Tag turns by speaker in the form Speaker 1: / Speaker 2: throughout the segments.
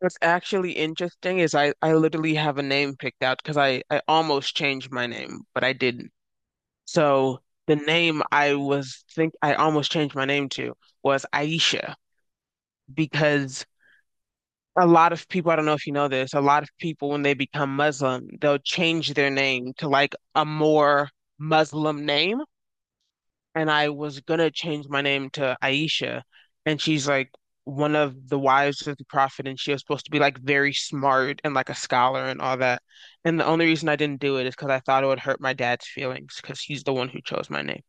Speaker 1: What's actually interesting is I literally have a name picked out because I almost changed my name, but I didn't. So the name I was think I almost changed my name to was Aisha because a lot of people, I don't know if you know this, a lot of people when they become Muslim, they'll change their name to like a more Muslim name. And I was gonna change my name to Aisha, and she's like one of the wives of the prophet, and she was supposed to be like very smart and like a scholar and all that. And the only reason I didn't do it is because I thought it would hurt my dad's feelings because he's the one who chose my name.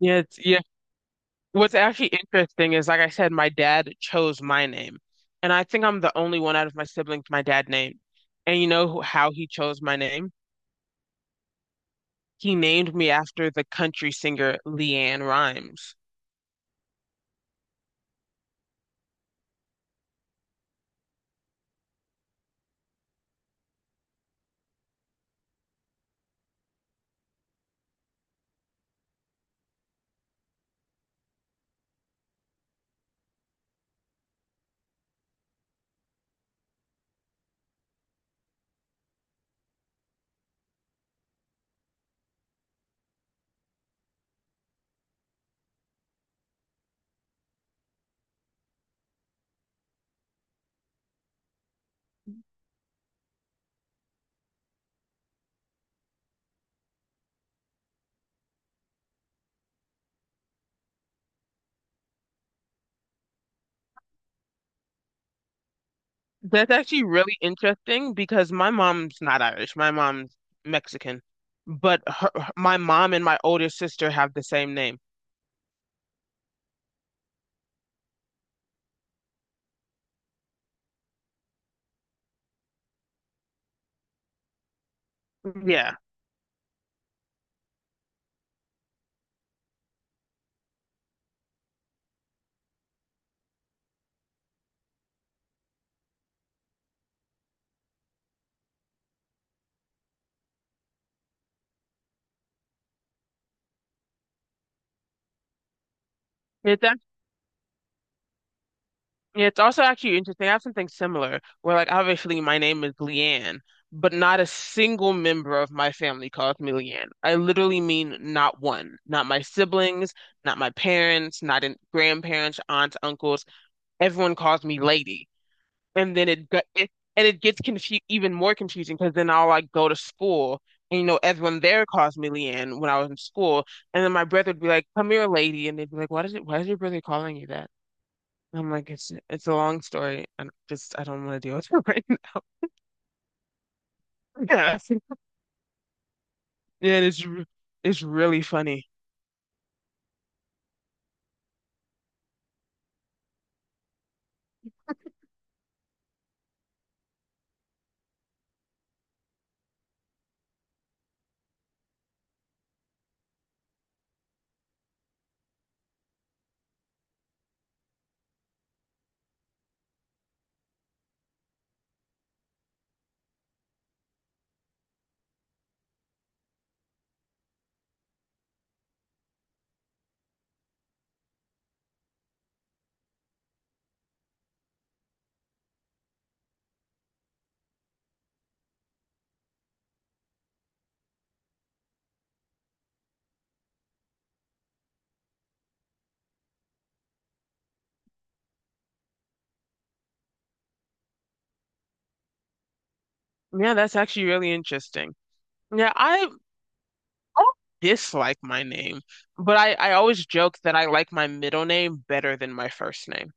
Speaker 1: Yeah. What's actually interesting is, like I said, my dad chose my name, and I think I'm the only one out of my siblings my dad named. And you know how he chose my name? He named me after the country singer Leanne Rhymes. That's actually really interesting because my mom's not Irish. My mom's Mexican, but my mom and my older sister have the same name. Yeah. It's act- it's also actually interesting. I have something similar where, like, obviously my name is Leanne, but not a single member of my family calls me Leanne. I literally mean not one. Not my siblings, not my parents, not in grandparents, aunts, uncles. Everyone calls me lady. And then it gets confu even more confusing because then I'll like go to school, and you know everyone there calls me Leanne when I was in school. And then my brother would be like, come here lady, and they'd be like, why does it, why is your brother calling you that? And I'm like, it's a long story, and just I don't want to deal with it right now. Yeah. yeah and it's re- it's really funny. Yeah, that's actually really interesting. Yeah, I don't dislike my name, but I always joke that I like my middle name better than my first name.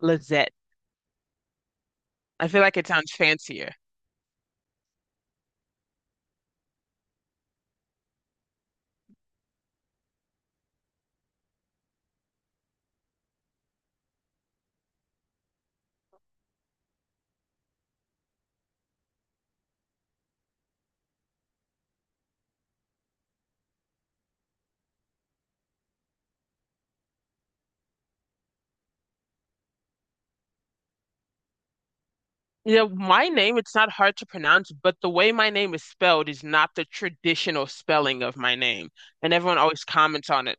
Speaker 1: Lizette. I feel like it sounds fancier. You know, my name, it's not hard to pronounce, but the way my name is spelled is not the traditional spelling of my name. And everyone always comments on it.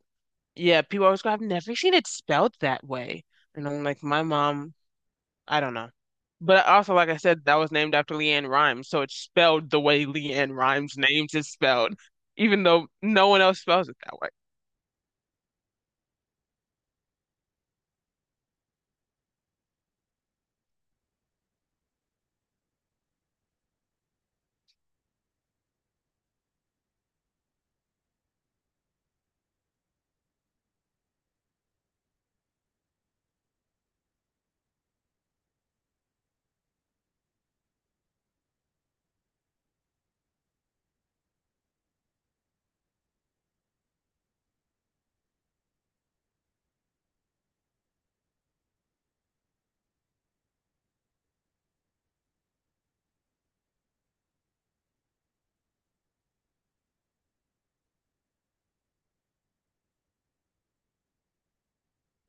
Speaker 1: Yeah, people always go, I've never seen it spelled that way. And I'm like, my mom, I don't know. But also, like I said, that was named after Leanne Rhymes, so it's spelled the way Leanne Rhymes' names is spelled, even though no one else spells it that way.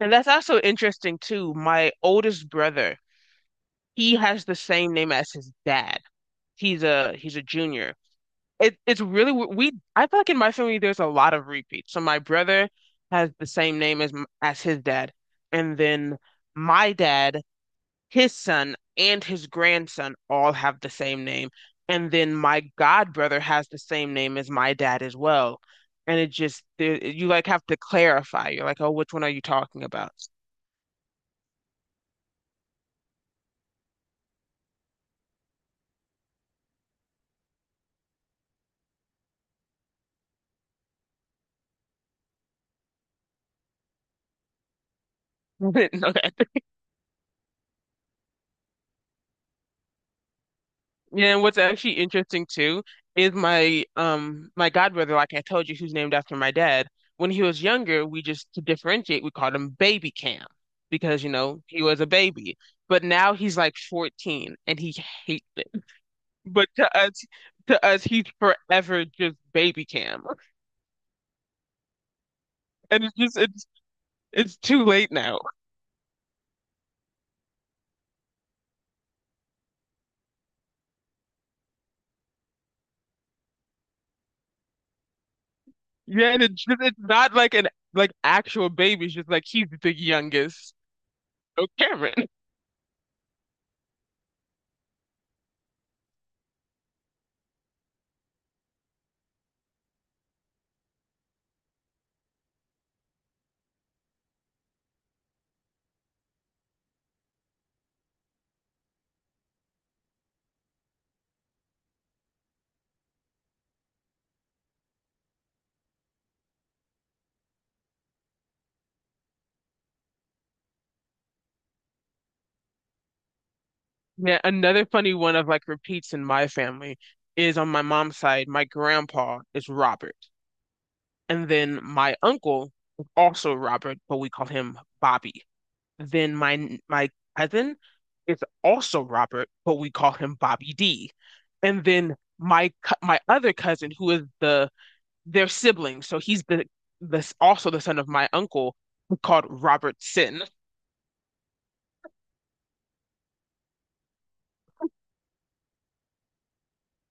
Speaker 1: And that's also interesting too. My oldest brother, he has the same name as his dad. He's a junior. It's really we, I feel like in my family there's a lot of repeats. So my brother has the same name as as his dad, and then my dad, his son and his grandson all have the same name. And then my god brother has the same name as my dad as well. And it just, you like have to clarify. You're like, oh, which one are you talking about? I didn't know that. Yeah, and what's actually interesting too is my my god brother, like I told you, who's named after my dad. When he was younger, we just to differentiate, we called him Baby Cam because you know he was a baby. But now he's like 14 and he hates. But to us, he's forever just baby Cam, and it's just it's too late now. Yeah, and it's just it's not like an like actual baby. It's just like he's the youngest. Oh, Cameron. Yeah, another funny one of like repeats in my family is on my mom's side. My grandpa is Robert, and then my uncle is also Robert, but we call him Bobby. Then my cousin is also Robert, but we call him Bobby D. And then my my other cousin, who is the their sibling, so he's the, this also the son of my uncle, who's called Robert Sin.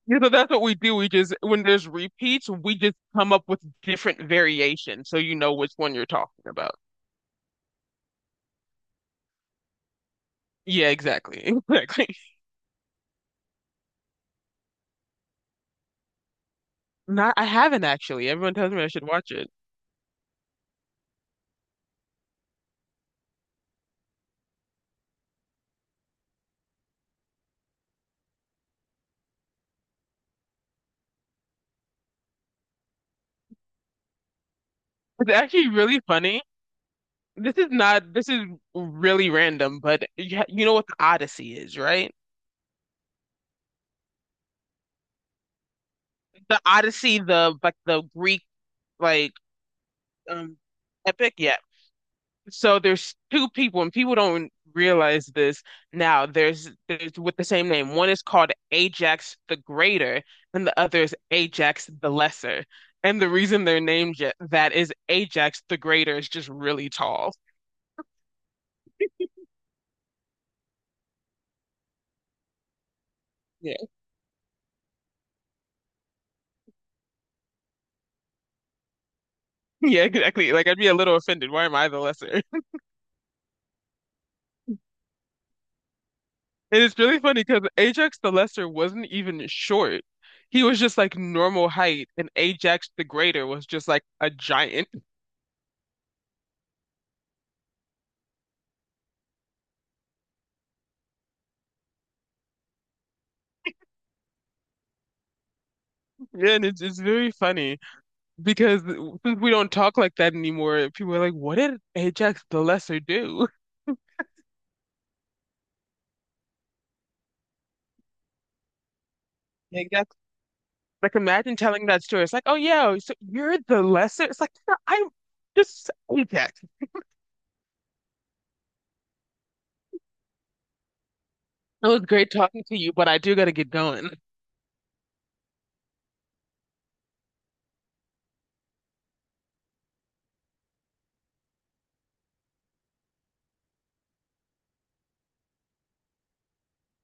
Speaker 1: You know, that's what we do. We just, when there's repeats, we just come up with different variations, so you know which one you're talking about. Yeah, exactly, exactly. Not, I haven't actually. Everyone tells me I should watch it. It's actually really funny. This is not, this is really random, but you, you know what the Odyssey is, right? The Odyssey, the like the Greek, like, um epic, yeah. So there's two people, and people don't realize this now. There's with the same name. One is called Ajax the Greater, and the other is Ajax the Lesser. And the reason they're named that is Ajax the Greater is just really tall. Yeah. Yeah, exactly. Like, I'd be a little offended. Why am I the lesser? And it's really funny because Ajax the Lesser wasn't even short. He was just like normal height, and Ajax the Greater was just like a giant. Yeah, and it's very funny because since we don't talk like that anymore, people are like, "What did Ajax the Lesser do?" Like, that's like, imagine telling that story. It's like, "Oh yeah, so you're the lesser." It's like, "No, I'm just Ajax." It was great talking to you, but I do gotta get going.